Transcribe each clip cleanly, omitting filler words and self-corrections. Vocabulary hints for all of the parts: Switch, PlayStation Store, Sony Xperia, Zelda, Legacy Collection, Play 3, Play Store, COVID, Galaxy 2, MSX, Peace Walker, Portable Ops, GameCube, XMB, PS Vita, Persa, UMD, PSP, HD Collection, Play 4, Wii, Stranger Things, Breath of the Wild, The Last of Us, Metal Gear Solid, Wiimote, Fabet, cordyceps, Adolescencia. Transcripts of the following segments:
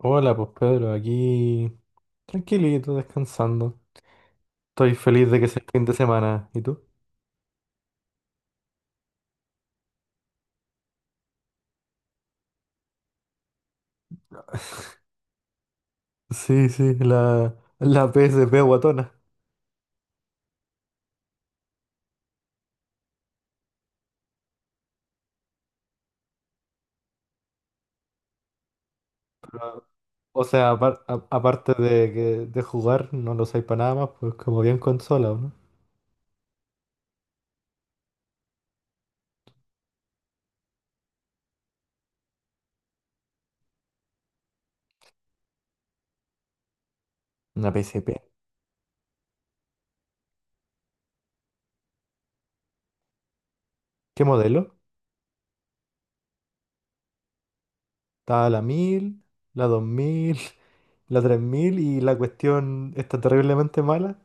Hola, pues Pedro, aquí tranquilito, descansando. Estoy feliz de que sea fin de semana. ¿Y tú? Sí, sí, la PSP guatona. O sea, aparte de, de jugar, no lo usáis para nada más, pues como bien consola, ¿o no? Una PSP. ¿Qué modelo? Está la 1000, la 2000, la 3000 y la cuestión está terriblemente mala,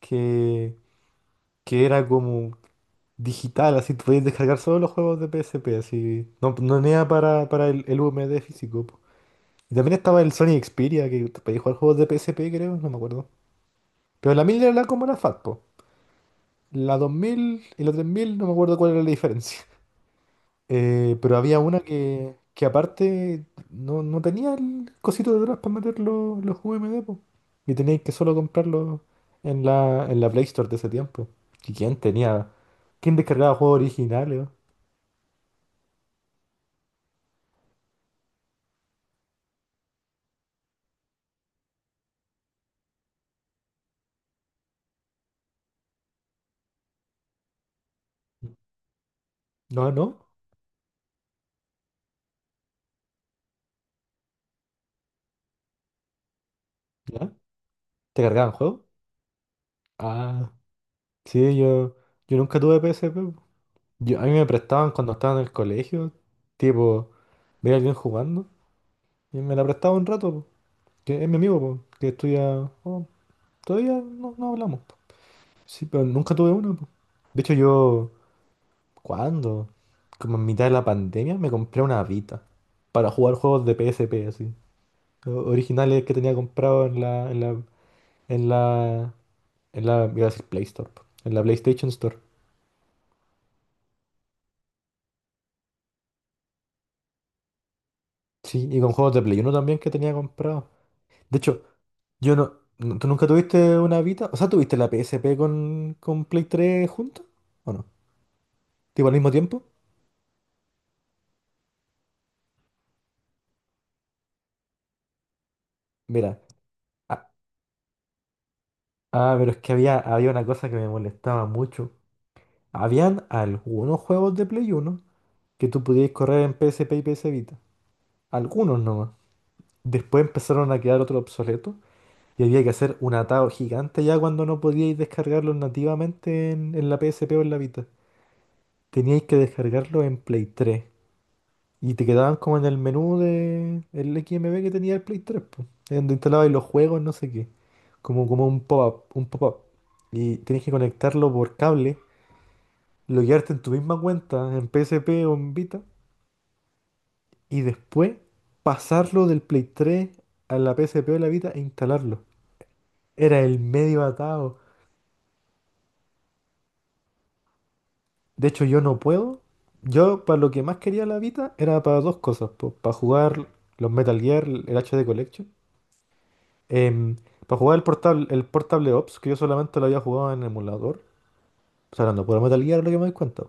que, que era como digital, así tú puedes descargar solo los juegos de PSP, así. No, no nada para el UMD físico, po. Y también estaba el Sony Xperia, que te podías jugar juegos de PSP, creo, no me acuerdo. Pero la 1000 era la como la FAT, po. La 2000 y la 3000 no me acuerdo cuál era la diferencia. Pero había una que aparte no tenía el cosito de atrás para meter los UMD, po. Y teníais que solo comprarlo en la, Play Store de ese tiempo. ¿Y quién tenía? ¿Quién descargaba juegos originales? No, no. No. ¿Ya? ¿Te cargaban juegos? Ah, sí, yo nunca tuve P PSP. Po. Yo, a mí me prestaban cuando estaba en el colegio, tipo, veía a alguien jugando y me la prestaba un rato, po, que es mi amigo, po, que estudia. Oh, todavía no hablamos, po. Sí, pero nunca tuve una, po. De hecho, yo, ¿cuándo? Como en mitad de la pandemia me compré una Vita para jugar juegos de PSP, así. Originales que tenía comprado en la, en la, iba a decir Play Store, po, en la PlayStation Store. Sí, y con juegos de Play Uno también que tenía comprado. De hecho, yo, ¿tú nunca tuviste una Vita? O sea, ¿tuviste la PSP con, Play 3 juntos? ¿O no? ¿Tipo al mismo tiempo? Mira. Ah, ah, pero es que había una cosa que me molestaba mucho. Habían algunos juegos de Play Uno que tú podías correr en PSP y PS Vita. Algunos nomás. Después empezaron a quedar otros obsoletos y había que hacer un atado gigante ya cuando no podíais descargarlos nativamente en, la PSP o en la Vita. Teníais que descargarlo en Play 3. Y te quedaban como en el menú de el XMB que tenía el Play 3, pues. Donde instalabas los juegos, no sé qué. Como un pop-up, un pop-up. Y tienes que conectarlo por cable, loguearte en tu misma cuenta, en PSP o en Vita, y después pasarlo del Play 3 a la PSP o la Vita e instalarlo. Era el medio atado. De hecho, yo no puedo. Yo, para lo que más quería la Vita, era para dos cosas, pues, para jugar los Metal Gear, el HD Collection. Em, para jugar el Portable Ops, que yo solamente lo había jugado en emulador, o sea, hablando pura Metal Gear, lo que me doy cuenta.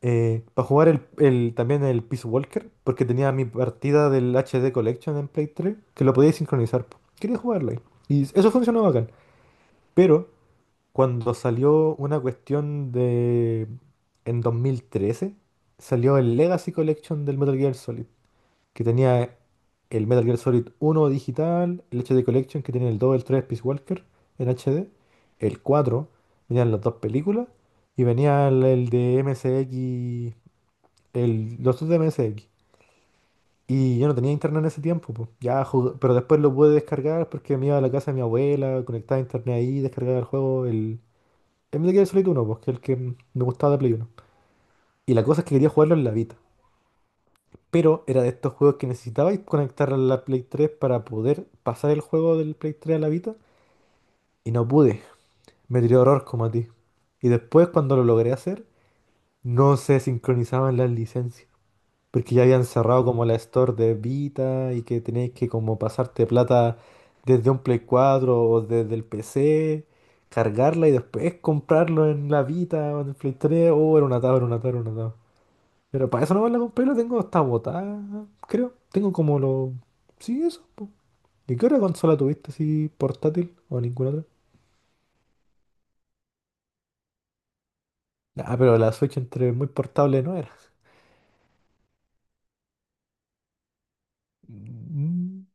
Para jugar también el Peace Walker, porque tenía mi partida del HD Collection en Play 3, que lo podía sincronizar, po. Quería jugarla ahí. Y eso funcionó bacán. Pero cuando salió una cuestión de. En 2013 salió el Legacy Collection del Metal Gear Solid que tenía el Metal Gear Solid uno digital, el HD Collection que tenía el 2 el 3 Peace Walker en HD, el 4 venían las dos películas y venía el de MSX, los dos de MSX. Y yo no tenía internet en ese tiempo, po. Pero después lo pude descargar porque me iba a la casa de mi abuela, conectaba internet ahí, descargaba el juego, el Metal Gear Solid uno, pues, que es el que me gustaba de Play uno. Y la cosa es que quería jugarlo en la Vita. Pero era de estos juegos que necesitabais conectar a la Play 3 para poder pasar el juego del Play 3 a la Vita. Y no pude. Me tiró horror como a ti. Y después, cuando lo logré hacer, no se sincronizaban las licencias. Porque ya habían cerrado como la store de Vita y que teníais que como pasarte plata desde un Play 4 o desde el PC, cargarla y después comprarlo en la Vita o en el Play 3. Oh, era una tabla, pero para eso nomás la compré, la tengo hasta botada, creo. Tengo como lo. Sí, eso, po. ¿Y qué otra consola tuviste así portátil o ninguna otra? Ah, pero la Switch entre muy portable no era. Mm.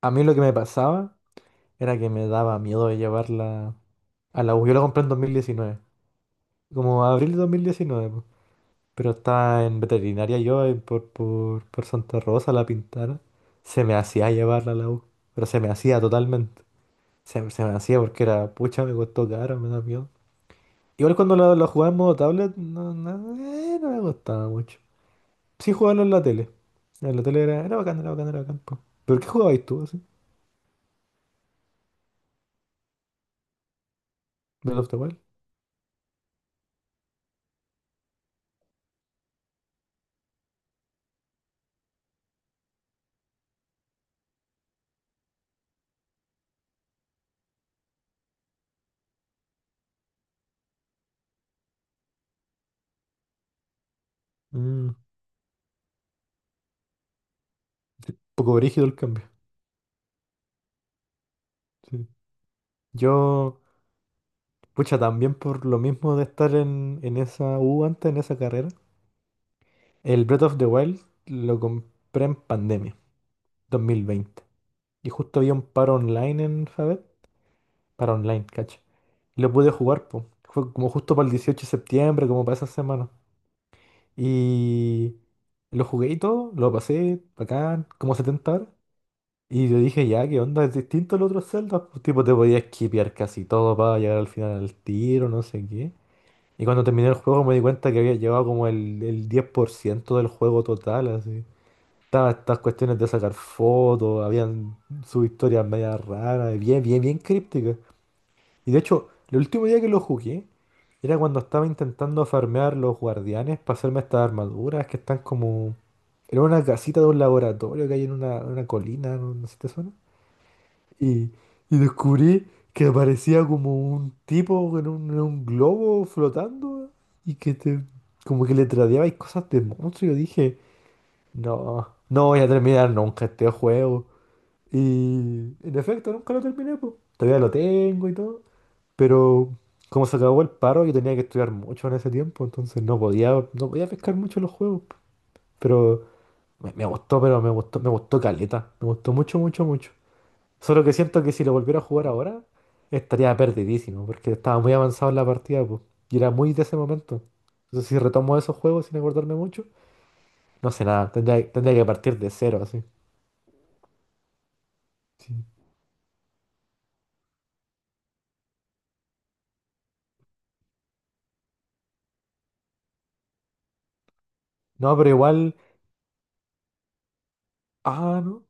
A mí lo que me pasaba era que me daba miedo de llevarla a la U. Yo la compré en dos mil diecinueve, como abril de 2019, po. Pero estaba en veterinaria yo, por Santa Rosa, la pintara. Se me hacía llevarla a la U, pero se me hacía totalmente. Se me hacía porque era, pucha, me costó caro, me da miedo. Igual cuando lo jugaba en modo tablet, no me gustaba mucho. Sí jugarlo en la tele. En la tele era bacán, era bacán, era bacán, po. ¿Pero qué jugabais tú así? Breath of the Wild. Mm, sí, poco brígido el cambio. Sí. Yo, pucha, también por lo mismo de estar en, esa U antes, en esa carrera, el Breath of the Wild lo compré en pandemia, 2020. Y justo había un paro online en Fabet para online, cacho. Y lo pude jugar, po. Fue como justo para el 18 de septiembre, como para esa semana. Y lo jugué y todo, lo pasé, bacán, como 70 horas. Y yo dije, ya, ¿qué onda? Es distinto al otro Zelda. Pues, tipo, te podías skipear casi todo para llegar al final al tiro, no sé qué. Y cuando terminé el juego me di cuenta que había llevado como el 10% del juego total, así. Estaban estas cuestiones de sacar fotos, habían sus historias media raras, bien, bien, bien crípticas. Y de hecho, el último día que lo jugué era cuando estaba intentando farmear los guardianes para hacerme estas armaduras que están como. Era una casita de un laboratorio que hay en una colina, no sé si te suena. Y, y descubrí que aparecía como un tipo en un globo flotando y como que le tradeabais cosas de monstruo. Y yo dije, no, no voy a terminar nunca este juego. Y en efecto, nunca lo terminé, pues. Todavía lo tengo y todo. Pero como se acabó el paro, yo tenía que estudiar mucho en ese tiempo, entonces no podía, no podía pescar mucho los juegos. Pero me gustó, pero me gustó caleta. Me gustó mucho, mucho, mucho. Solo que siento que si lo volviera a jugar ahora, estaría perdidísimo, porque estaba muy avanzado en la partida, pues. Y era muy de ese momento. Entonces si retomo esos juegos sin acordarme mucho, no sé nada. Tendría que partir de cero, así. Sí. No, pero igual. Ah, no.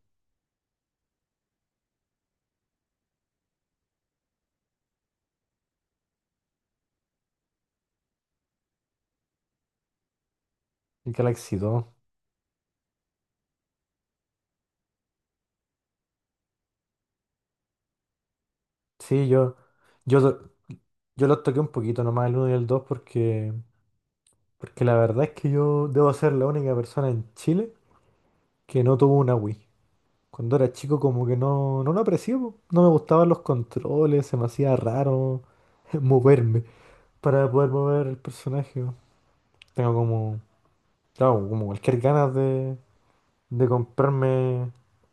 El Galaxy 2. Sí, yo. Yo, Yo los toqué un poquito nomás el uno y el 2 porque la verdad es que yo debo ser la única persona en Chile que no tuvo una Wii. Cuando era chico como que no lo aprecié, po. No me gustaban los controles, se me hacía raro moverme para poder mover el personaje, po. Tengo como, claro, como cualquier ganas de, comprarme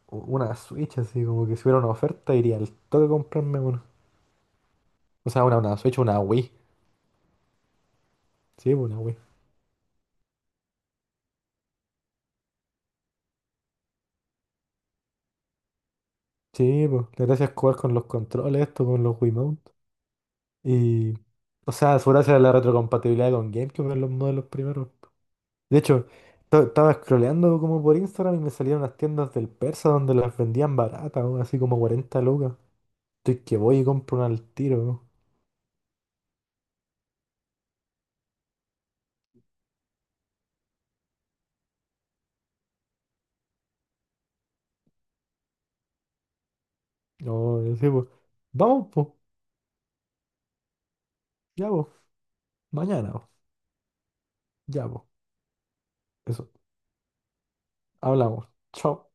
una Switch, así como que si hubiera una oferta iría al toque a comprarme una. O sea, una Switch, una Wii. Sí, po, una Wii. Sí, pues, la gracia es jugar con los controles, esto con los Wiimote. Y, o sea, su gracia es la retrocompatibilidad con GameCube en los modelos primeros. De hecho, estaba scrolleando como por Instagram y me salían las tiendas del Persa donde las vendían baratas, weón, así como 40 lucas. Estoy que voy y compro una al tiro, weón. No, yo sí, pues. Vamos, pues. Ya, pues. Mañana, pues. Ya, pues. Eso. Hablamos. Chao.